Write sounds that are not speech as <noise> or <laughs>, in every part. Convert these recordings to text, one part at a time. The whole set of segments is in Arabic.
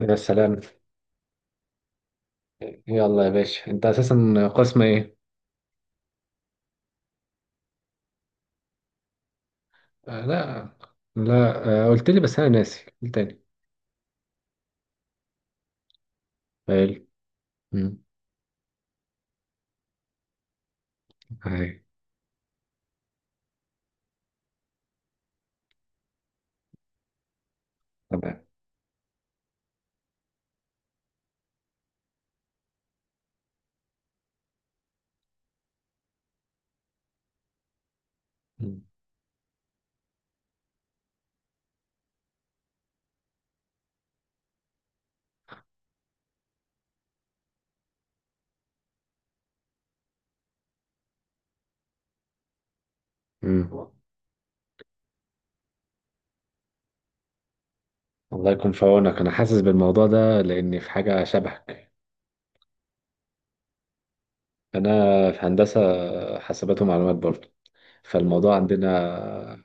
يا سلام. يلا يا باشا، انت اساسا قسم ايه؟ آه، لا لا. قلت لي بس انا ناسي، قلت تاني. حلو. مم. هاي. تمام. مم. مم. الله يكون في عونك، انا حاسس بالموضوع ده لاني في حاجه شبهك. انا في هندسه حاسبات ومعلومات برضه، فالموضوع عندنا.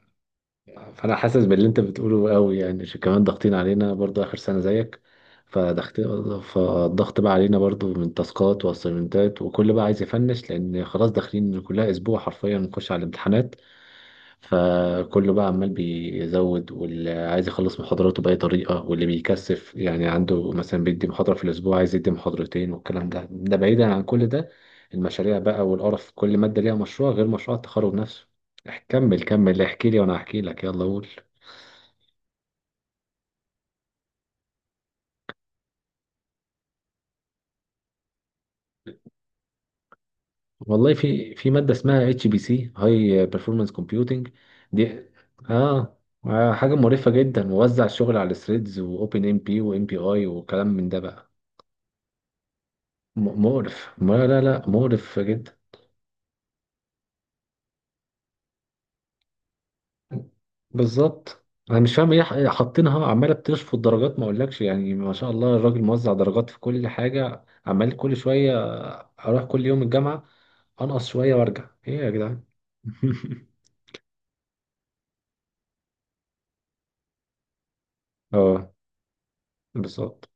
فانا حاسس باللي انت بتقوله قوي، يعني كمان ضاغطين علينا برضو اخر سنه زيك. فضغط. فالضغط بقى علينا برضو من تاسكات واسايمنتات، وكل بقى عايز يفنش لان خلاص داخلين كلها اسبوع حرفيا نخش على الامتحانات. فكله بقى عمال بيزود، واللي عايز يخلص محاضراته باي طريقه، واللي بيكثف يعني عنده مثلا بيدي محاضره في الاسبوع عايز يدي محاضرتين، والكلام ده بعيدا عن كل ده. المشاريع بقى والقرف، كل ماده ليها مشروع غير مشروع التخرج نفسه. كمل كمل احكي لي وانا احكي لك، يلا قول. والله في ماده اسمها اتش بي سي، هاي بيرفورمانس كومبيوتنج. دي اه. حاجه مقرفه جدا، موزع الشغل على ثريدز واوبن ام بي وام بي اي وكلام من ده بقى. مقرف. ما لا لا، مقرف جدا. بالظبط. انا مش فاهم ايه حاطينها، عماله بتشفط درجات ما اقولكش، يعني ما شاء الله الراجل موزع درجات في كل حاجه، عمال كل شويه اروح كل يوم الجامعه انقص شويه وارجع. ايه يا جدعان؟ <laughs> اه، بالظبط.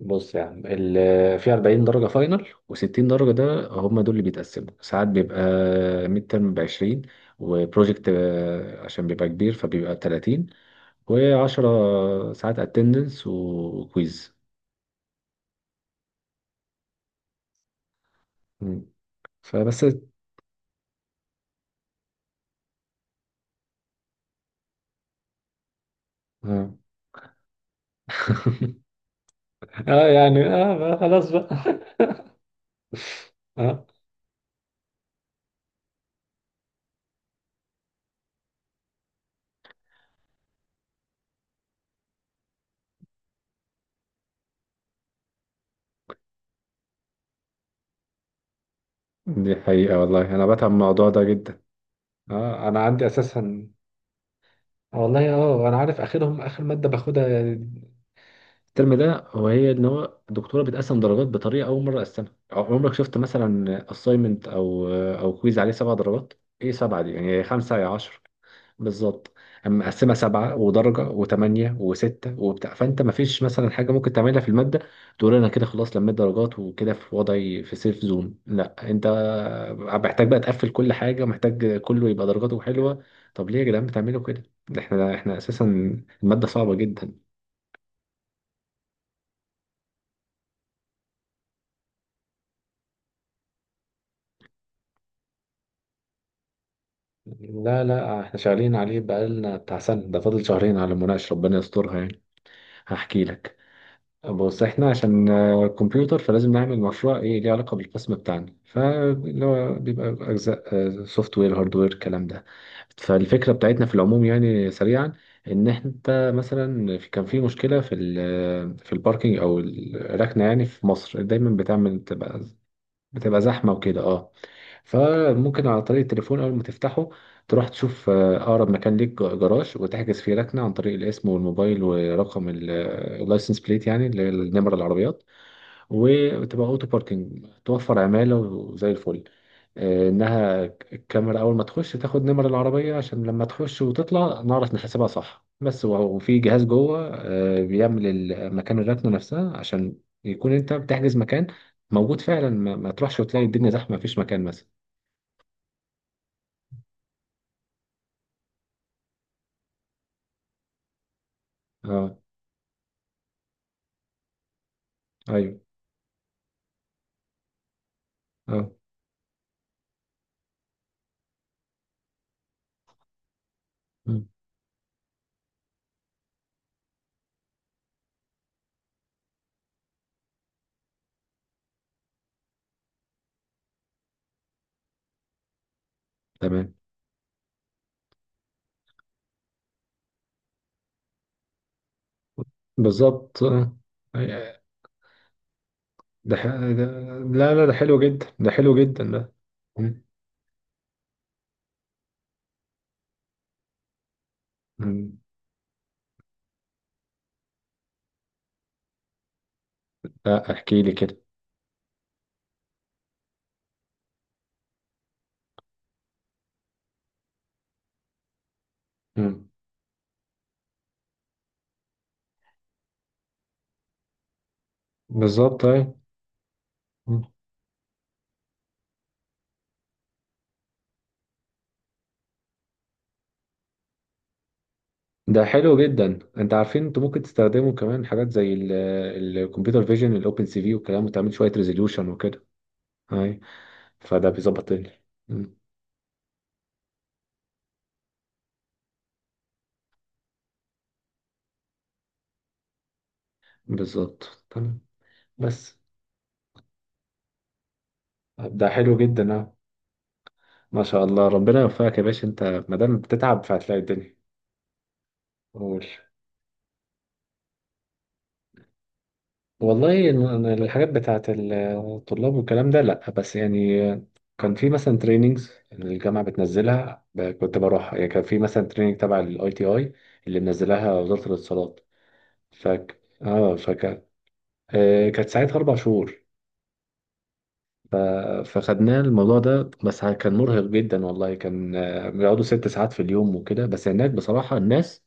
بص يا عم، في 40 درجة فاينل و60 درجة، ده هم دول اللي بيتقسموا. ساعات بيبقى ميد ترم ب 20، وبروجكت عشان بيبقى كبير فبيبقى 30، و10 ساعات اتندنس وكويز. مم. فبس اه <laughs> بقى خلاص بقى. <laughs> اه. دي حقيقة والله، انا بتعب من الموضوع ده جدا. اه، انا عندي اساسا، والله انا عارف اخرهم اخر مادة باخدها الترم ده. هو هي ان هو الدكتوره بتقسم درجات بطريقه، اول مره اقسمها. عمرك شفت مثلا assignment او كويز عليه 7 درجات؟ ايه سبعه دي؟ يعني خمسه يا عشر. بالظبط. اما مقسمه سبعه ودرجه وثمانيه وسته وبتاع، فانت ما فيش مثلا حاجه ممكن تعملها في الماده تقول انا كده خلاص لميت درجات وكده، في وضعي في سيف زون. لا انت محتاج بقى تقفل كل حاجه، محتاج كله يبقى درجاته حلوه. طب ليه يا جدعان بتعملوا كده؟ ده احنا اساسا الماده صعبه جدا. لا لا، احنا شغالين عليه بقالنا بتاع سنة، ده فاضل شهرين على المناقشة، ربنا يسترها يعني. هحكي لك. بص احنا عشان كمبيوتر، فلازم نعمل مشروع ايه ليه علاقة بالقسم بتاعنا، فاللي هو بيبقى اجزاء سوفت وير هارد وير الكلام ده. فالفكرة بتاعتنا في العموم يعني سريعا، ان انت مثلا كان في مشكلة في الباركينج او الركنة. يعني في مصر دايما بتعمل بتبقى زحمة وكده، اه. فممكن على طريق التليفون، أول ما تفتحه تروح تشوف أقرب مكان ليك جراج، وتحجز فيه ركنة عن طريق الاسم والموبايل ورقم اللايسنس بليت يعني اللي هي النمرة، العربيات. وتبقى أوتو باركنج، توفر عمالة وزي الفل. إنها الكاميرا أول ما تخش تاخد نمر العربية، عشان لما تخش وتطلع نعرف نحسبها صح بس، وفي جهاز جوه بيعمل مكان الركنة نفسها، عشان يكون أنت بتحجز مكان موجود فعلا، ما تروحش وتلاقي الدنيا زحمة مفيش مكان مثلا. اه. ايوه. اه. مم. تمام. بالظبط، اه. أي- ده. لا لا، ده حلو جدا، ده حلو جدا ده. مم. مم. لا، احكي لي كده. مم. بالظبط، ايوه. مم. ده حلو جدا. انت عارفين انتوا ممكن تستخدموا كمان حاجات زي الكمبيوتر فيجن، الاوبن سي في والكلام، وتعمل شويه ريزوليوشن وكده. اي، فده بيظبط مم. بالظبط، تمام. بس ده حلو جدا، اه. ما شاء الله، ربنا يوفقك يا باشا انت، ما دام بتتعب فهتلاقي الدنيا. قول. والله أنا الحاجات بتاعت الطلاب والكلام ده لا، بس يعني كان في مثلا تريننجز الجامعه بتنزلها، كنت بروحها. يعني كان في مثلا تريننج تبع الاي تي اي اللي منزلها وزاره الاتصالات. فك. آه، كانت ساعتها 4 شهور. ف- فخدناه الموضوع ده، بس كان مرهق جدا والله، كان بيقعدوا 6 ساعات في اليوم وكده، بس هناك بصراحة الناس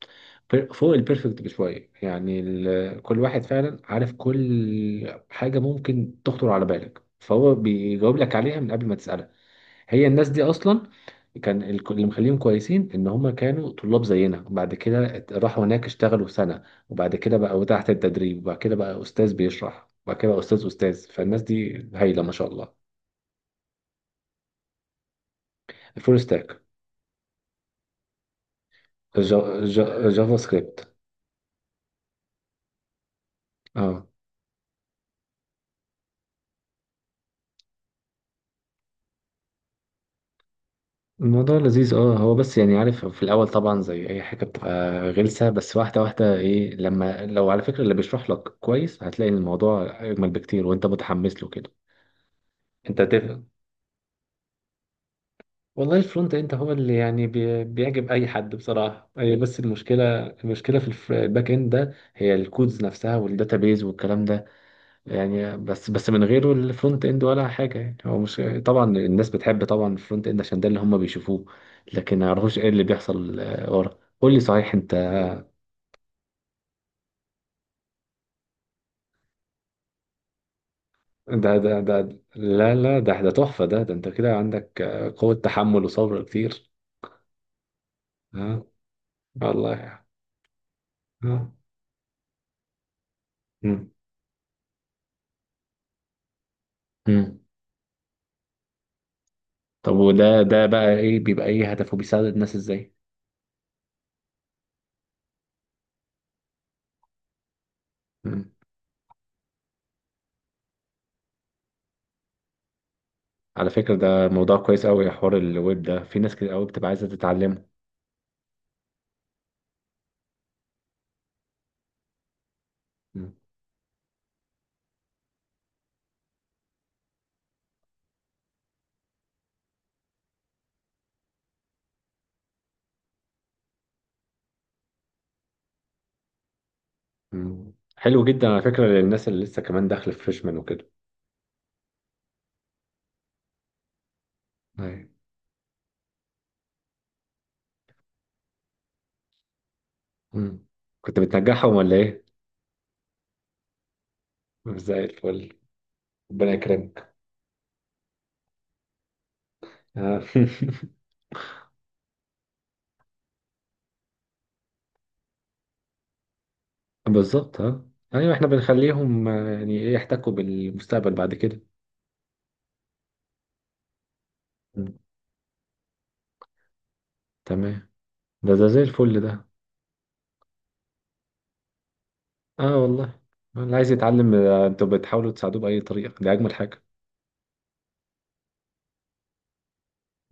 فوق البيرفكت بشوية يعني. كل واحد فعلا عارف كل حاجة ممكن تخطر على بالك، فهو بيجاوب لك عليها من قبل ما تسألها. هي الناس دي أصلا كان اللي مخليهم كويسين ان هم كانوا طلاب زينا، وبعد كده راحوا هناك اشتغلوا سنة، وبعد كده بقوا تحت التدريب، وبعد كده بقى استاذ بيشرح، وبعد كده بقى استاذ استاذ. فالناس دي هايلة ما شاء الله. فول ستاك. جافا سكريبت. اه. الموضوع لذيذ، اه، هو بس يعني عارف في الاول طبعا زي اي حاجه بتبقى غلسه، بس واحده واحده، ايه لما لو على فكره اللي بيشرح لك كويس هتلاقي الموضوع اجمل بكتير وانت متحمس له كده. انت تفهم. والله الفرونت اند هو اللي يعني بيعجب اي حد بصراحه، هي بس المشكله في الباك اند ده، هي الكودز نفسها والداتابيز والكلام ده. يعني بس من غيره الفرونت اند ولا حاجه يعني. هو مش طبعا الناس بتحب طبعا الفرونت اند عشان ده اللي هم بيشوفوه، لكن ما يعرفوش ايه اللي بيحصل ورا. قول لي صحيح انت. ده لا لا، ده ده تحفه ده ده. انت كده عندك قوه تحمل وصبر كتير. ها. والله يعني. ها. مم. مم. طب وده بقى ايه، بيبقى ايه هدفه، بيساعد الناس ازاي؟ مم. على فكره ده موضوع كويس قوي، حوار الويب ده في ناس كتير قوي بتبقى عايزه تتعلمه. مم. مم. حلو جدا على فكرة، للناس اللي لسه كمان داخلة في فريشمان وكده. أيوة. مم. كنت بتنجحهم ولا إيه؟ زي الفل. ربنا يكرمك. آه. <laughs> بالظبط، اه. أيوة إحنا بنخليهم يعني إيه، يحتكوا بالمستقبل بعد كده. مم. تمام. ده زي الفل ده. آه والله، اللي عايز يتعلم أنتوا بتحاولوا تساعدوه بأي طريقة، دي أجمل حاجة.